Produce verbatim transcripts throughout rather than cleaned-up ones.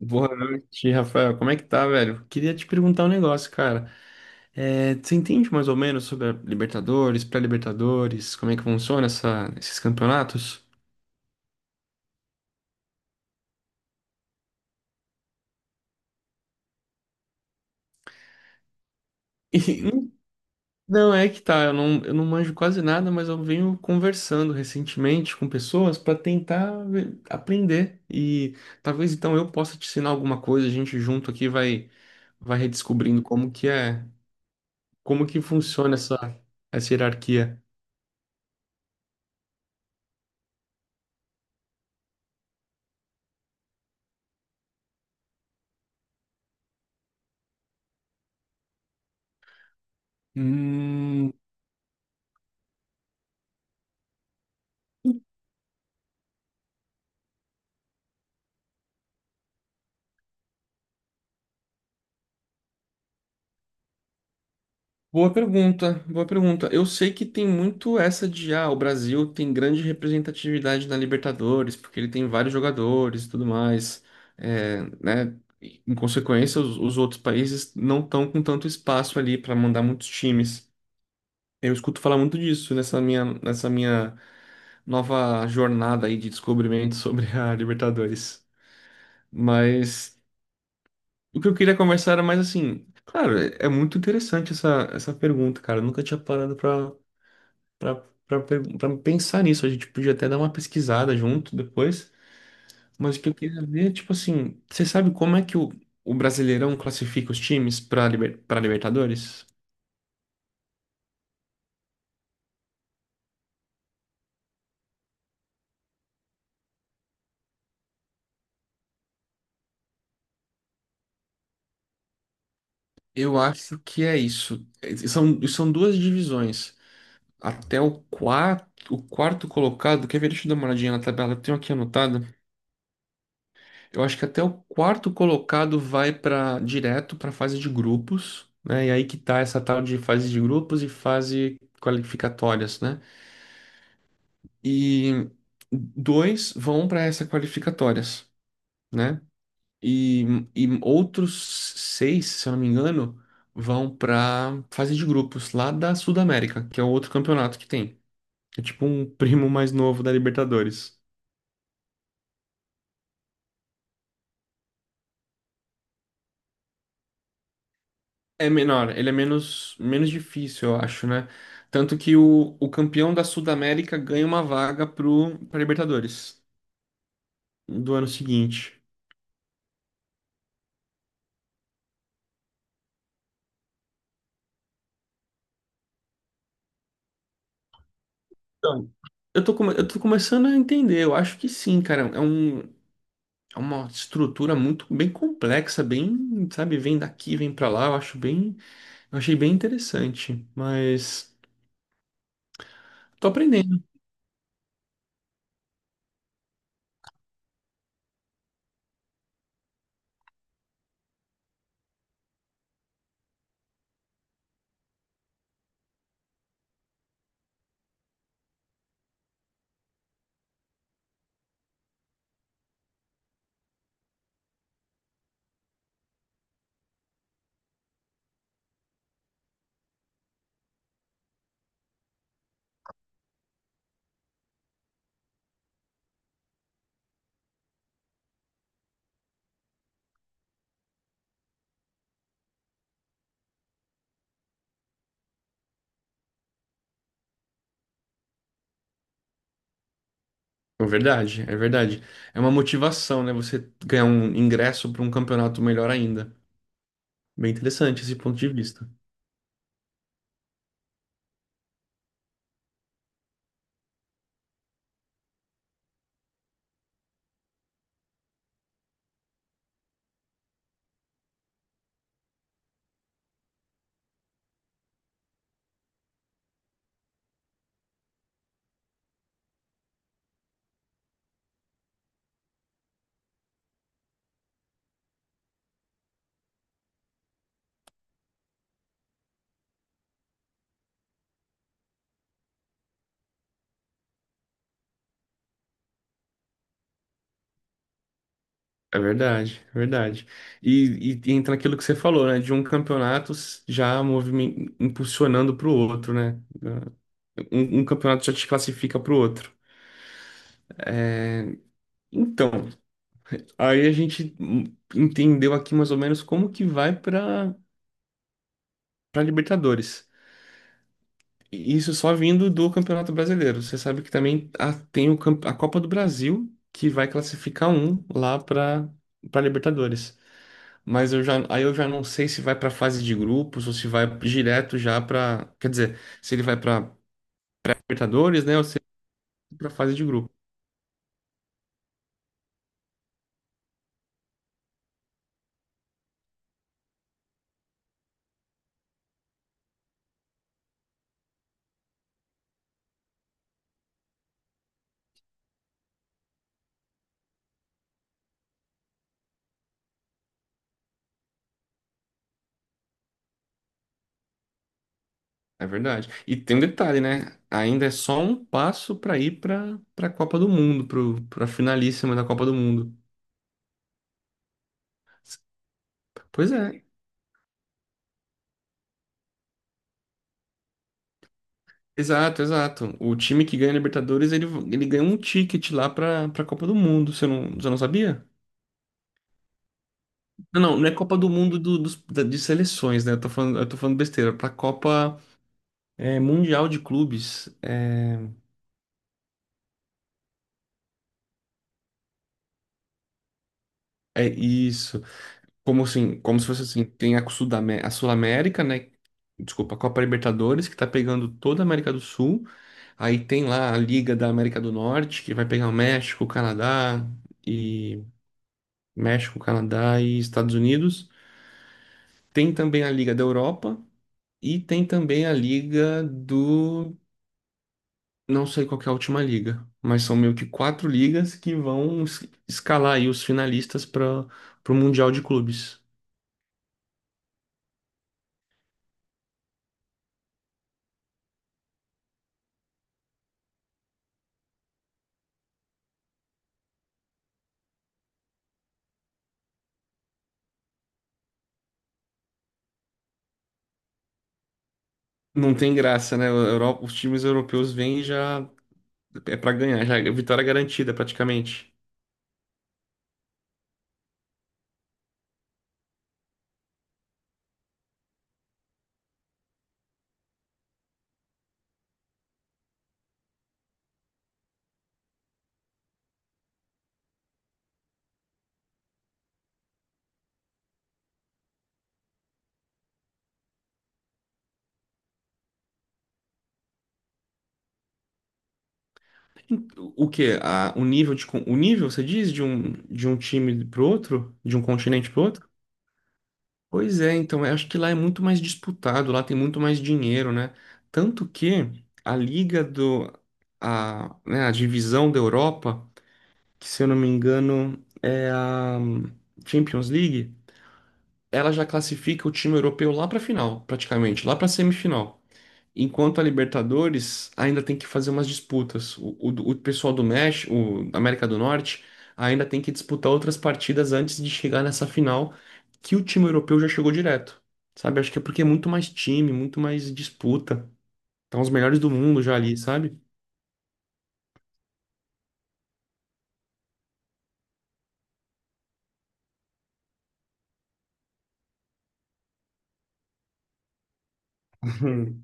Boa noite, Rafael. Como é que tá, velho? Queria te perguntar um negócio, cara. É, você entende mais ou menos sobre a Libertadores, pré-Libertadores, como é que funciona essa- esses campeonatos? E, hum, não, é que tá, eu não, eu não manjo quase nada, mas eu venho conversando recentemente com pessoas para tentar ver- aprender. E talvez então eu possa te ensinar alguma coisa, a gente junto aqui vai, vai redescobrindo como que é, como que funciona essa, essa hierarquia. Hum, Boa pergunta, boa pergunta. Eu sei que tem muito essa de, ah, o Brasil tem grande representatividade na Libertadores, porque ele tem vários jogadores e tudo mais, é, né? E em consequência, os, os outros países não estão com tanto espaço ali para mandar muitos times. Eu escuto falar muito disso nessa minha, nessa minha nova jornada aí de descobrimento sobre a Libertadores. Mas o que eu queria conversar era mais assim, claro, é é muito interessante essa, essa pergunta, cara. Eu nunca tinha parado pra para para per- pensar nisso, a gente podia até dar uma pesquisada junto depois, mas o que eu queria ver, tipo assim, você sabe como é que o, o Brasileirão classifica os times para liber, para Libertadores? Eu acho que é isso. Eh, São, são duas divisões. Até o quarto, o quarto colocado, quer ver? Deixa eu dar uma olhadinha na tabela, eu tenho aqui anotado. Eu acho que até o quarto colocado vai para direto para fase de grupos, né? E aí que tá essa tal de fase de grupos e fase qualificatórias, né? E dois vão para essas qualificatórias, né? E, e outros seis, se eu não me engano, vão para fase de grupos lá da Sudamérica, que é o outro campeonato que tem. É tipo um primo mais novo da Libertadores. É menor, ele é menos, menos difícil, eu acho, né? Tanto que o, o campeão da Sudamérica ganha uma vaga pro, pra Libertadores do ano seguinte. Então, eu tô, come- eu tô começando a entender, eu acho que sim, cara. É um, É uma estrutura muito bem complexa, bem, sabe, vem daqui, vem pra lá. Eu acho bem, eu achei bem interessante, mas tô aprendendo. É verdade, é verdade. É uma motivação, né? Você ganhar um ingresso para um campeonato melhor ainda. Bem interessante esse ponto de vista. É verdade, é verdade. E, e, entra naquilo que você falou, né? De um campeonato já movimen- impulsionando para o outro, né? Ah, Um, um campeonato já te classifica para o outro. Então, aí a gente hum, entendeu aqui mais ou menos como que vai para para Libertadores. E isso só vindo do Campeonato Brasileiro. Você sabe que também a- tem o camp- a Copa do Brasil que vai classificar um lá para para Libertadores. Mas eu já, aí eu já não sei se vai para fase de grupos ou se vai direto já para, quer dizer, se ele vai para Libertadores, né, ou se para fase de grupos. É verdade. E tem um detalhe, né? Ainda é só um passo para ir para para a Copa do Mundo, para a finalíssima da Copa do Mundo. Pois é. Exato, exato. O time que ganha a Libertadores, ele, ele ganha um ticket lá para para a Copa do Mundo. Você não, você não sabia? Não, não, não é Copa do Mundo do- dos, da- de seleções, né? Eu tô falando, eu tô falando besteira. Para Copa é, Mundial de Clubes. É, é isso. Como assim? Como se fosse assim, tem a Sudamé- a Sul-América, né? Desculpa, a Copa Libertadores, que tá pegando toda a América do Sul. Aí tem lá a Liga da América do Norte, que vai pegar o México, o Canadá e México, Canadá e Estados Unidos. Tem também a Liga da Europa e tem também a Liga do não sei qual que é a última liga, mas são meio que quatro ligas que vão es- escalar aí os finalistas para o Mundial de Clubes. Não tem graça, né? O- Euro- Os times europeus vêm e já é pra ganhar, já é vitória garantida praticamente. O que? O nível de con- o nível, você diz, de um de um time pro outro, de um continente pro outro? Pois é, então eu acho que lá é muito mais disputado, lá tem muito mais dinheiro, né? Tanto que a liga do a, né, a divisão da Europa, que se eu não me engano é a Champions League, ela já classifica o time europeu lá pra final, praticamente, lá pra semifinal. Enquanto a Libertadores ainda tem que fazer umas disputas. O, o- o pessoal do México, o da América do Norte, ainda tem que disputar outras partidas antes de chegar nessa final, que o time europeu já chegou direto. Sabe? Acho que é porque é muito mais time, muito mais disputa. Estão os melhores do mundo já ali, sabe?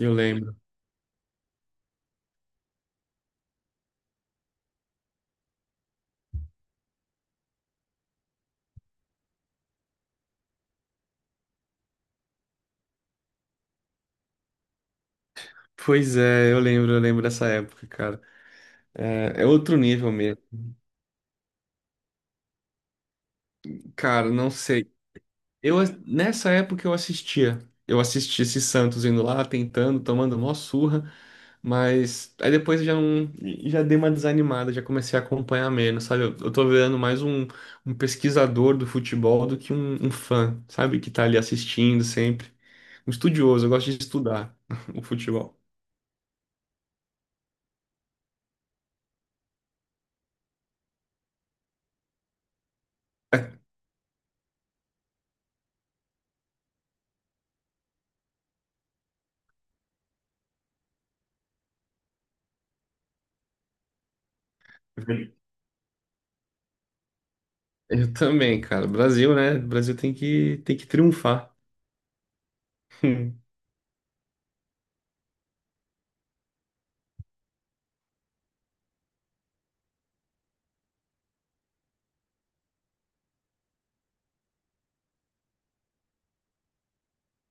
Eu lembro. Pois é, eu lembro, eu lembro dessa época, cara. É, é outro nível mesmo. Cara, não sei. Eu, ass- nessa época eu assistia. Eu assistia esse Santos indo lá, tentando, tomando mó surra, mas aí depois eu já não, já dei uma desanimada, já comecei a acompanhar menos, sabe? Eu, eu tô virando mais um, um pesquisador do futebol do que um, um fã, sabe? Que tá ali assistindo sempre. Um estudioso, eu gosto de estudar o futebol. Eu também, cara. Brasil, né? Brasil tem que, tem que triunfar.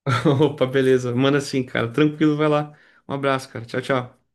Opa, beleza. Manda assim, cara. Tranquilo, vai lá. Um abraço, cara. Tchau, tchau.